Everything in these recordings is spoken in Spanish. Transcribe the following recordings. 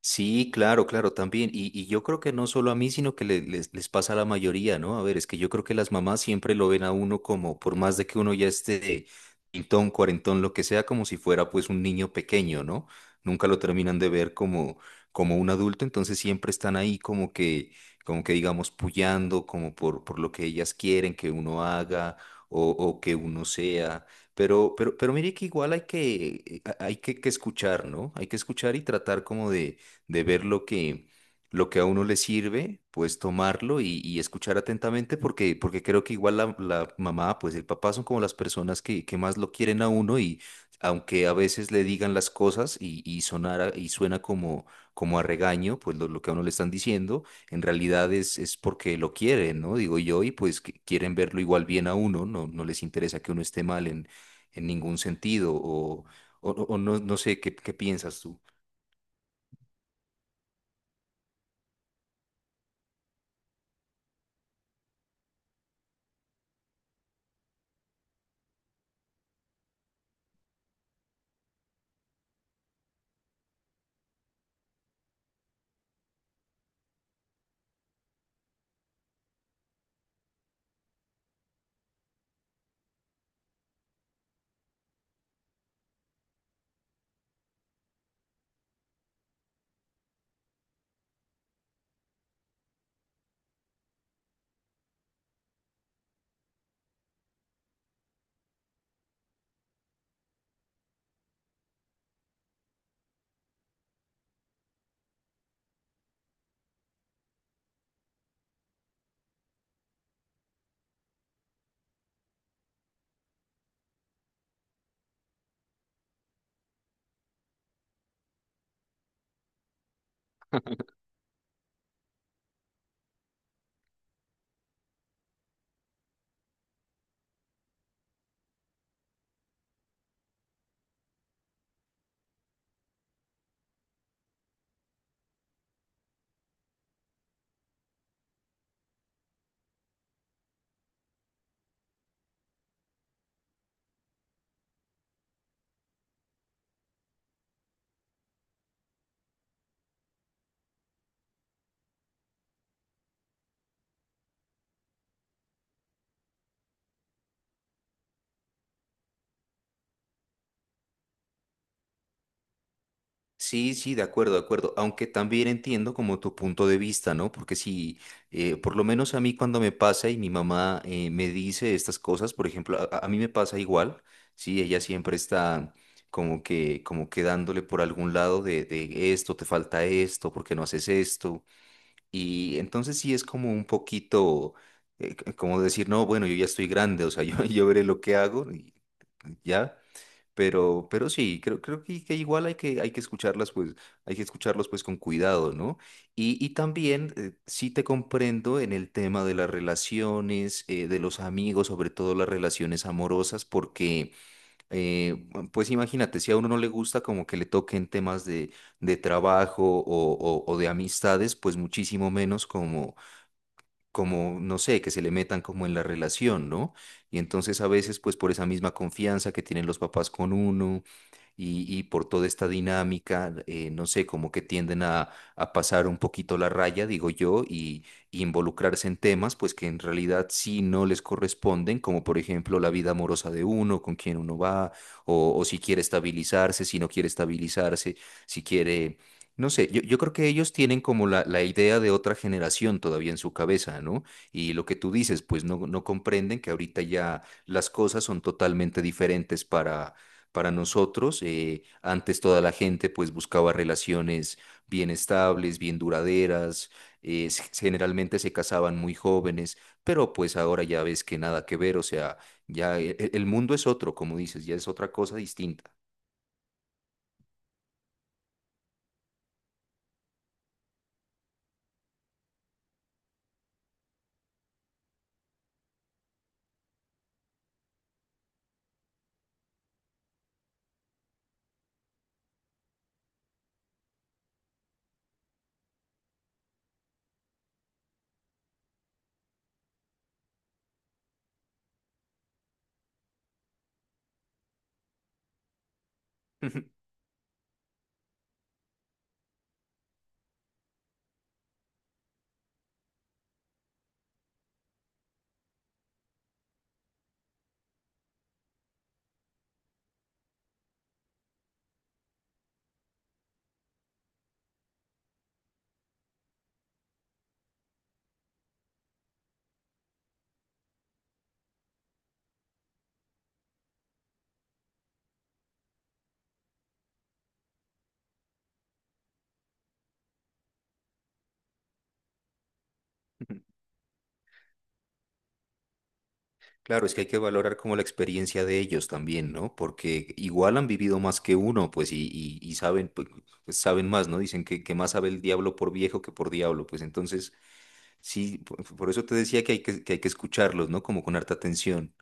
Sí, claro, claro, también. Y yo creo que no solo a mí, sino que les pasa a la mayoría, ¿no? A ver, es que yo creo que las mamás siempre lo ven a uno como, por más de que uno ya esté pintón, cuarentón, lo que sea, como si fuera pues un niño pequeño, ¿no? Nunca lo terminan de ver como, como un adulto, entonces siempre están ahí como que digamos, puyando, como por lo que ellas quieren que uno haga o que uno sea. Pero mire que igual hay que hay que escuchar, ¿no? Hay que escuchar y tratar como de ver lo que a uno le sirve, pues tomarlo y escuchar atentamente, porque, porque creo que igual la mamá, pues el papá son como las personas que más lo quieren a uno y aunque a veces le digan las cosas y sonara, y suena como, como a regaño, pues lo que a uno le están diciendo, en realidad es porque lo quieren, ¿no? Digo yo, y pues que quieren verlo igual bien a uno, no les interesa que uno esté mal en ningún sentido, o, o no sé qué, qué piensas tú. Sí, sí, de acuerdo, de acuerdo. Aunque también entiendo como tu punto de vista, ¿no? Porque si, por lo menos a mí cuando me pasa y mi mamá me dice estas cosas, por ejemplo, a mí me pasa igual, sí, ella siempre está como que dándole por algún lado de esto, te falta esto, ¿por qué no haces esto? Y entonces sí es como un poquito, como decir, no, bueno, yo ya estoy grande, o sea, yo veré lo que hago y ya. Pero sí, creo que igual hay hay que escucharlas, pues, hay que escucharlos pues con cuidado, ¿no? Y también sí te comprendo en el tema de las relaciones, de los amigos, sobre todo las relaciones amorosas, porque, eh, pues imagínate, si a uno no le gusta como que le toquen temas de trabajo o de amistades, pues muchísimo menos como, no sé, que se le metan como en la relación, ¿no? Y entonces a veces, pues por esa misma confianza que tienen los papás con uno y por toda esta dinámica, no sé, como que tienden a pasar un poquito la raya, digo yo, y involucrarse en temas, pues que en realidad sí no les corresponden, como por ejemplo la vida amorosa de uno, con quién uno va, o si quiere estabilizarse, si no quiere estabilizarse, si quiere no sé, yo creo que ellos tienen como la idea de otra generación todavía en su cabeza, ¿no? Y lo que tú dices, pues no, no comprenden que ahorita ya las cosas son totalmente diferentes para nosotros. Antes toda la gente pues buscaba relaciones bien estables, bien duraderas, generalmente se casaban muy jóvenes, pero pues ahora ya ves que nada que ver, o sea, ya el mundo es otro, como dices, ya es otra cosa distinta. Claro, es que hay que valorar como la experiencia de ellos también, ¿no? Porque igual han vivido más que uno, pues, y saben, pues, pues, saben más, ¿no? Dicen que más sabe el diablo por viejo que por diablo, pues entonces, sí, por eso te decía que hay que hay que escucharlos, ¿no? Como con harta atención.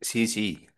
Sí, sí,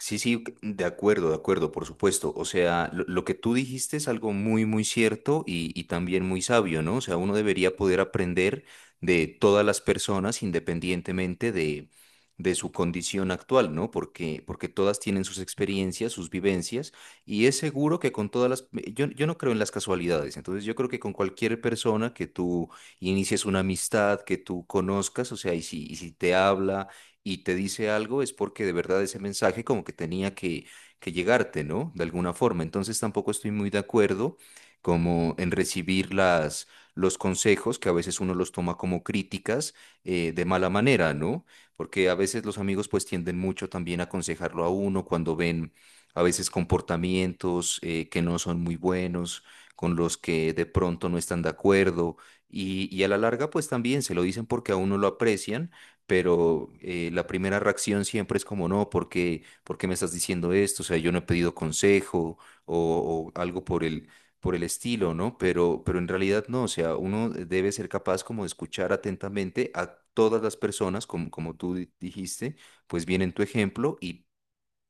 sí, sí, de acuerdo, por supuesto. O sea, lo que tú dijiste es algo muy, muy cierto y también muy sabio, ¿no? O sea, uno debería poder aprender de todas las personas independientemente de su condición actual, ¿no? Porque, porque todas tienen sus experiencias, sus vivencias y es seguro que con todas Yo, yo no creo en las casualidades, entonces yo creo que con cualquier persona que tú inicies una amistad, que tú conozcas, o sea, y si te habla y te dice algo, es porque de verdad ese mensaje como que tenía que llegarte, ¿no? De alguna forma. Entonces tampoco estoy muy de acuerdo como en recibir los consejos, que a veces uno los toma como críticas de mala manera, ¿no? Porque a veces los amigos pues tienden mucho también a aconsejarlo a uno cuando ven a veces comportamientos que no son muy buenos, con los que de pronto no están de acuerdo y a la larga pues también se lo dicen porque a uno lo aprecian pero la primera reacción siempre es como, no, por qué me estás diciendo esto? O sea, yo no he pedido consejo o algo por el estilo, ¿no? Pero en realidad no, o sea, uno debe ser capaz como de escuchar atentamente a todas las personas, como, como tú dijiste, pues bien en tu ejemplo y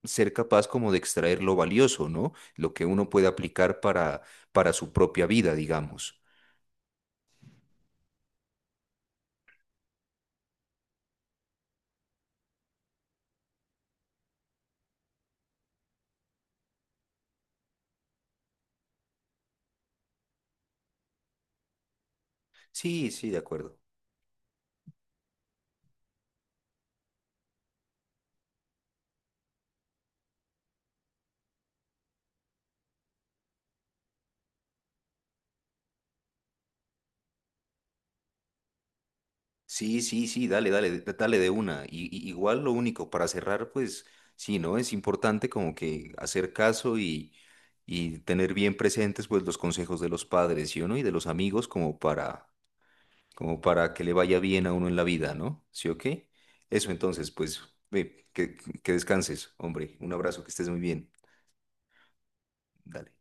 ser capaz como de extraer lo valioso, ¿no? Lo que uno puede aplicar para su propia vida, digamos. Sí, sí, de acuerdo. Sí, sí, sí, dale, dale, dale de una. Igual lo único, para cerrar, pues sí, ¿no? Es importante como que hacer caso y tener bien presentes pues los consejos de los padres, ¿sí o no? Y de los amigos como para, como para que le vaya bien a uno en la vida, ¿no? ¿Sí o qué? Eso entonces, pues, ve, que descanses, hombre. Un abrazo, que estés muy bien. Dale.